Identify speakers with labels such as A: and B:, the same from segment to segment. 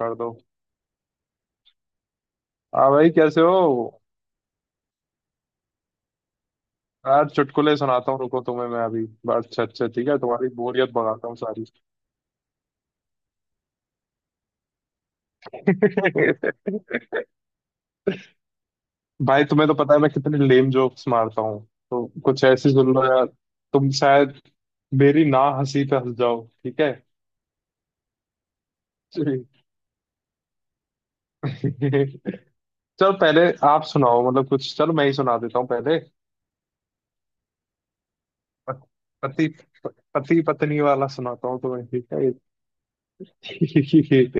A: कर दो। हाँ भाई, कैसे हो? यार चुटकुले सुनाता हूँ, रुको तुम्हें। मैं अभी बस, अच्छा अच्छा ठीक है, तुम्हारी बोरियत भगाता हूँ सारी। भाई तुम्हें तो पता है मैं कितने लेम जोक्स मारता हूँ, तो कुछ ऐसी सुन लो यार। तुम शायद मेरी ना हंसी पे हंस जाओ, ठीक है। चलो पहले आप सुनाओ, मतलब कुछ। चलो मैं ही सुना देता हूँ पहले। प- पति पति पत्नी वाला सुनाता हूँ तुम्हें, ठीक है।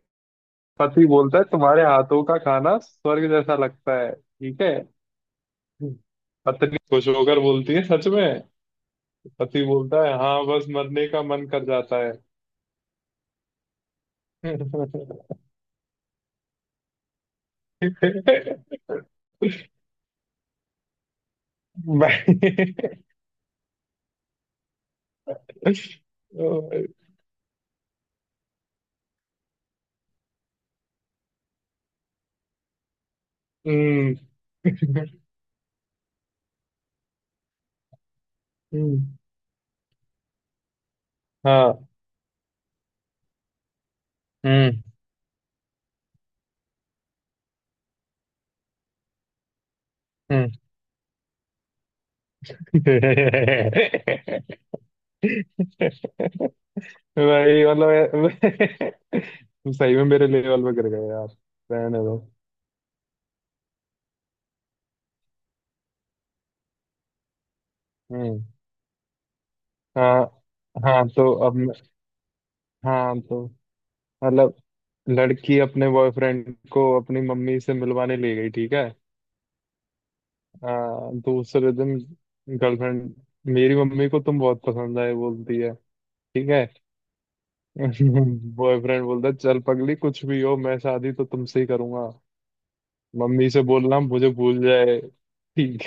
A: पति बोलता है तुम्हारे हाथों का खाना स्वर्ग जैसा लगता है, ठीक है। पत्नी खुश होकर बोलती है, सच में? पति बोलता है हाँ, बस मरने का मन कर जाता है। हम्म हम्म, हाँ। हम्म हम्म। भाई मतलब, तू सही में मेरे लेवल पे गिर गए यार। रहने दो। हम्म। हाँ। हाँ तो अब मैं- हाँ तो मतलब, लड़की अपने बॉयफ्रेंड को अपनी मम्मी से मिलवाने ले गई, ठीक है। दूसरे दिन गर्लफ्रेंड, मेरी मम्मी को तुम बहुत पसंद आए, बोलती है। ठीक है। बॉयफ्रेंड बोलता है चल पगली, कुछ भी हो मैं शादी तो तुमसे ही करूंगा। मम्मी से बोलना मुझे भूल जाए। ठीक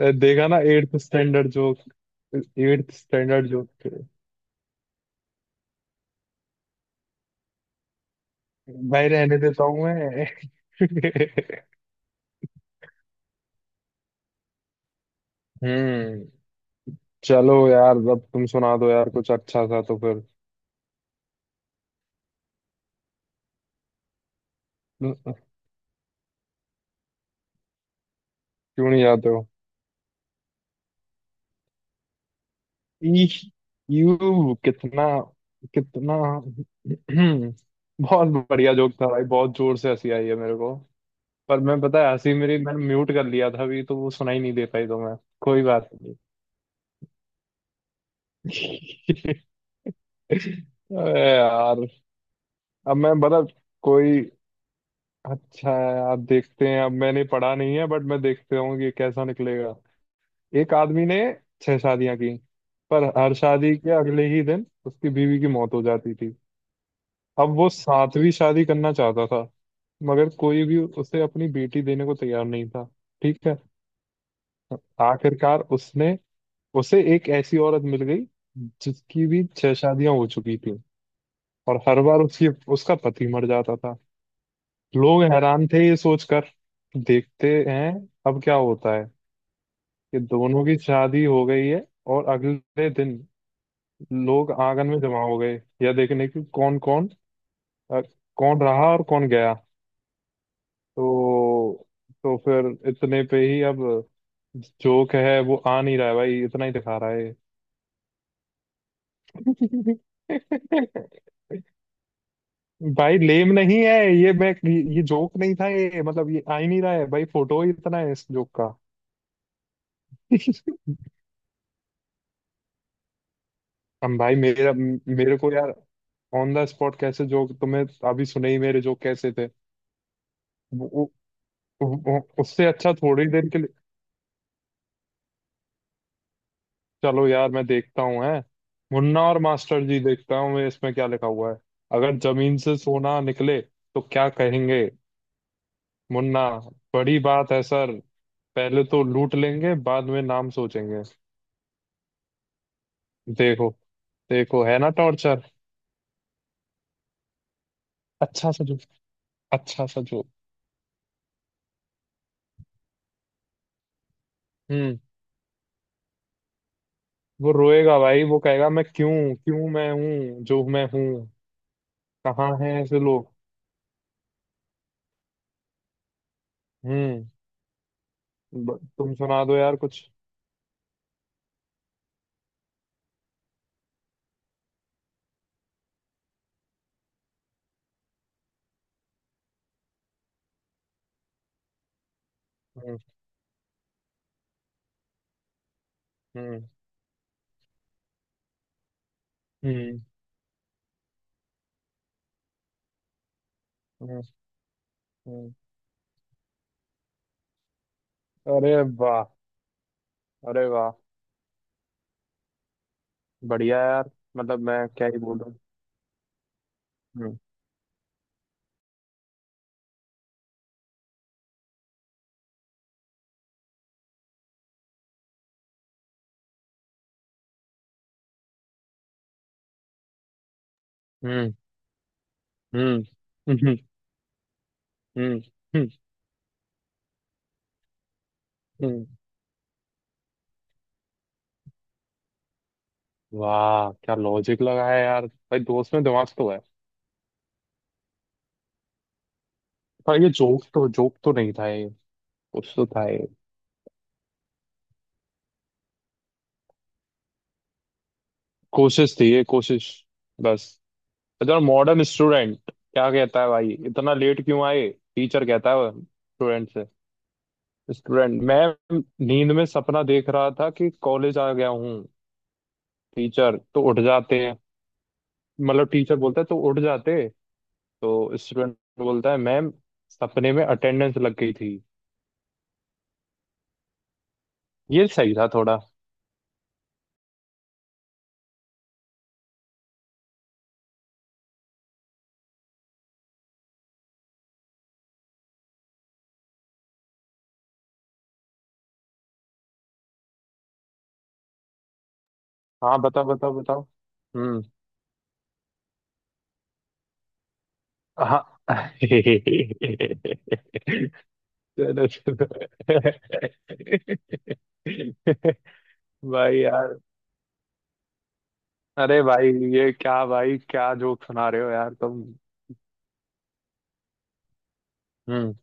A: है। देखा ना, एट्थ स्टैंडर्ड जो... एट्थ स्टैंडर्ड जो भाई रहने देता हूँ मैं। हम्म। चलो यार अब तुम सुना दो यार कुछ अच्छा सा तो फिर। न- क्यों नहीं जाते हो? ईश, यू कितना... कितना... बहुत बढ़िया जोक था भाई, बहुत जोर से हंसी आई है मेरे को। पर मैं पता है, हंसी मेरी मैंने म्यूट कर लिया था अभी, तो वो सुनाई नहीं दे पाई, तो मैं... कोई बात नहीं। अरे यार। अब मैं बता कोई अच्छा है यार, देखते हैं। अब मैंने पढ़ा नहीं है बट मैं देखते हूँ कि कैसा निकलेगा। एक आदमी ने छह शादियां की, पर हर शादी के अगले ही दिन उसकी बीवी की मौत हो जाती थी। अब वो सातवीं शादी करना चाहता था, मगर कोई भी उसे अपनी बेटी देने को तैयार नहीं था। ठीक है। आखिरकार उसने, उसे एक ऐसी औरत मिल गई, जिसकी भी छह शादियां हो चुकी थी, और हर बार उसकी उसका पति मर जाता था। लोग हैरान थे ये सोचकर, देखते हैं अब क्या होता है, कि दोनों की शादी हो गई है। और अगले दिन लोग आंगन में जमा हो गए, यह देखने की कौन कौन, कौन रहा और कौन गया। तो फिर इतने पे ही अब, जोक है वो आ नहीं रहा है भाई, इतना ही दिखा रहा है। भाई लेम नहीं है ये। मैं, ये जोक नहीं था ये, मतलब ये आ ही नहीं रहा है भाई, फोटो ही इतना है इस जोक का। हम भाई, मेरा मेरे को यार, ऑन द स्पॉट कैसे जोक तुम्हें... अभी सुने ही मेरे जोक कैसे थे। वो, उससे अच्छा थोड़ी देर के लिए। चलो यार मैं देखता हूँ, है मुन्ना और मास्टर जी, देखता हूँ मैं इसमें क्या लिखा हुआ है। अगर जमीन से सोना निकले तो क्या कहेंगे? मुन्ना, बड़ी बात है सर, पहले तो लूट लेंगे बाद में नाम सोचेंगे। देखो, देखो है ना टॉर्चर। अच्छा सा जोक, अच्छा सा जोक। हम्म। वो रोएगा भाई, वो कहेगा मैं क्यों, क्यों मैं हूँ जो मैं हूँ, कहाँ है ऐसे लोग। हम्म। तुम सुना दो यार कुछ। हम्म हम्म हम्म हम्म हम्म। अरे वाह! अरे वाह! बढ़िया यार। मतलब मैं क्या ही बोलूं। हम्म। हम्म हम्म हम्म हम्म हम्म, हम्म। वाह क्या लॉजिक लगा है यार, भाई दोस्त में दिमाग तो है। पर ये जोक तो, जोक तो नहीं था ये, कुछ तो था ये, कोशिश थी ये, कोशिश बस। इतना मॉडर्न स्टूडेंट क्या कहता है भाई, इतना लेट क्यों आए? टीचर कहता है स्टूडेंट से, स्टूडेंट, मैं नींद में सपना देख रहा था कि कॉलेज आ गया हूँ। टीचर तो उठ जाते हैं, मतलब टीचर बोलता है तो उठ जाते। तो स्टूडेंट बोलता है मैम, सपने में अटेंडेंस लग गई थी। ये सही था थोड़ा। हाँ बताओ बताओ बताओ। हम्म। हाँ। चलो चलो। भाई यार, अरे भाई ये क्या भाई, क्या जोक सुना रहे हो यार तुम। हम्म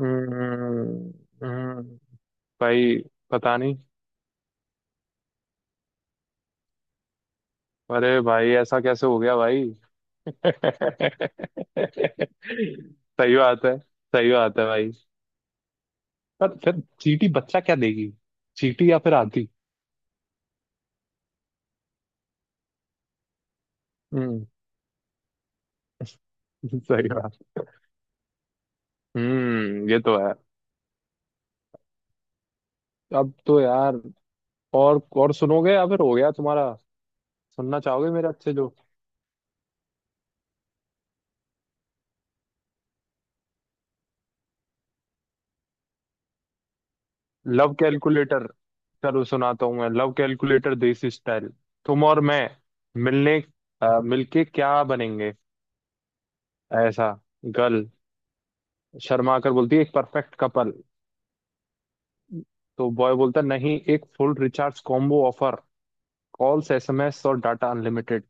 A: हम्म हम्म, हम्म। भाई पता नहीं। अरे भाई ऐसा कैसे हो गया भाई? सही बात है। सही बात है भाई। पर फिर चींटी बच्चा क्या देगी, चींटी या फिर आंधी? हम्म। सही बात। ये तो है। अब तो यार सुनोगे या फिर हो गया तुम्हारा? सुनना चाहोगे मेरे अच्छे जो... लव कैलकुलेटर। चलो सुनाता हूँ मैं, लव कैलकुलेटर देसी स्टाइल। तुम और मैं मिलने, मिलके क्या बनेंगे? ऐसा गर्ल शर्मा कर बोलती है, एक परफेक्ट कपल। तो बॉय बोलता नहीं, एक full recharge combo offer, calls SMS और डाटा अनलिमिटेड।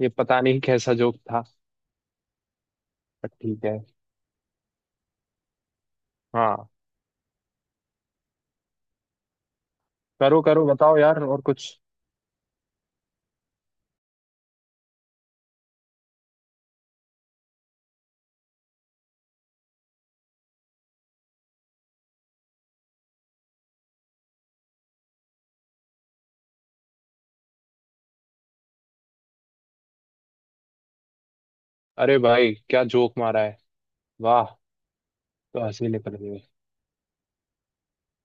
A: ये पता नहीं कैसा जोक था, पर ठीक है। हाँ। करो करो बताओ यार और कुछ। अरे भाई क्या जोक मारा है! वाह! तो हंसी निकल गई।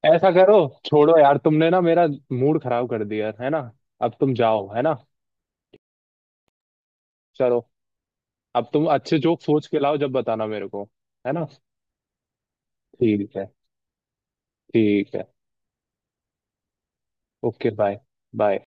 A: ऐसा करो, छोड़ो यार, तुमने ना मेरा मूड खराब कर दिया है ना। अब तुम जाओ, है ना? चलो। अब तुम अच्छे जोक सोच के लाओ, जब बताना मेरे को, है ना? ठीक है। ठीक है। Okay, bye. बाय।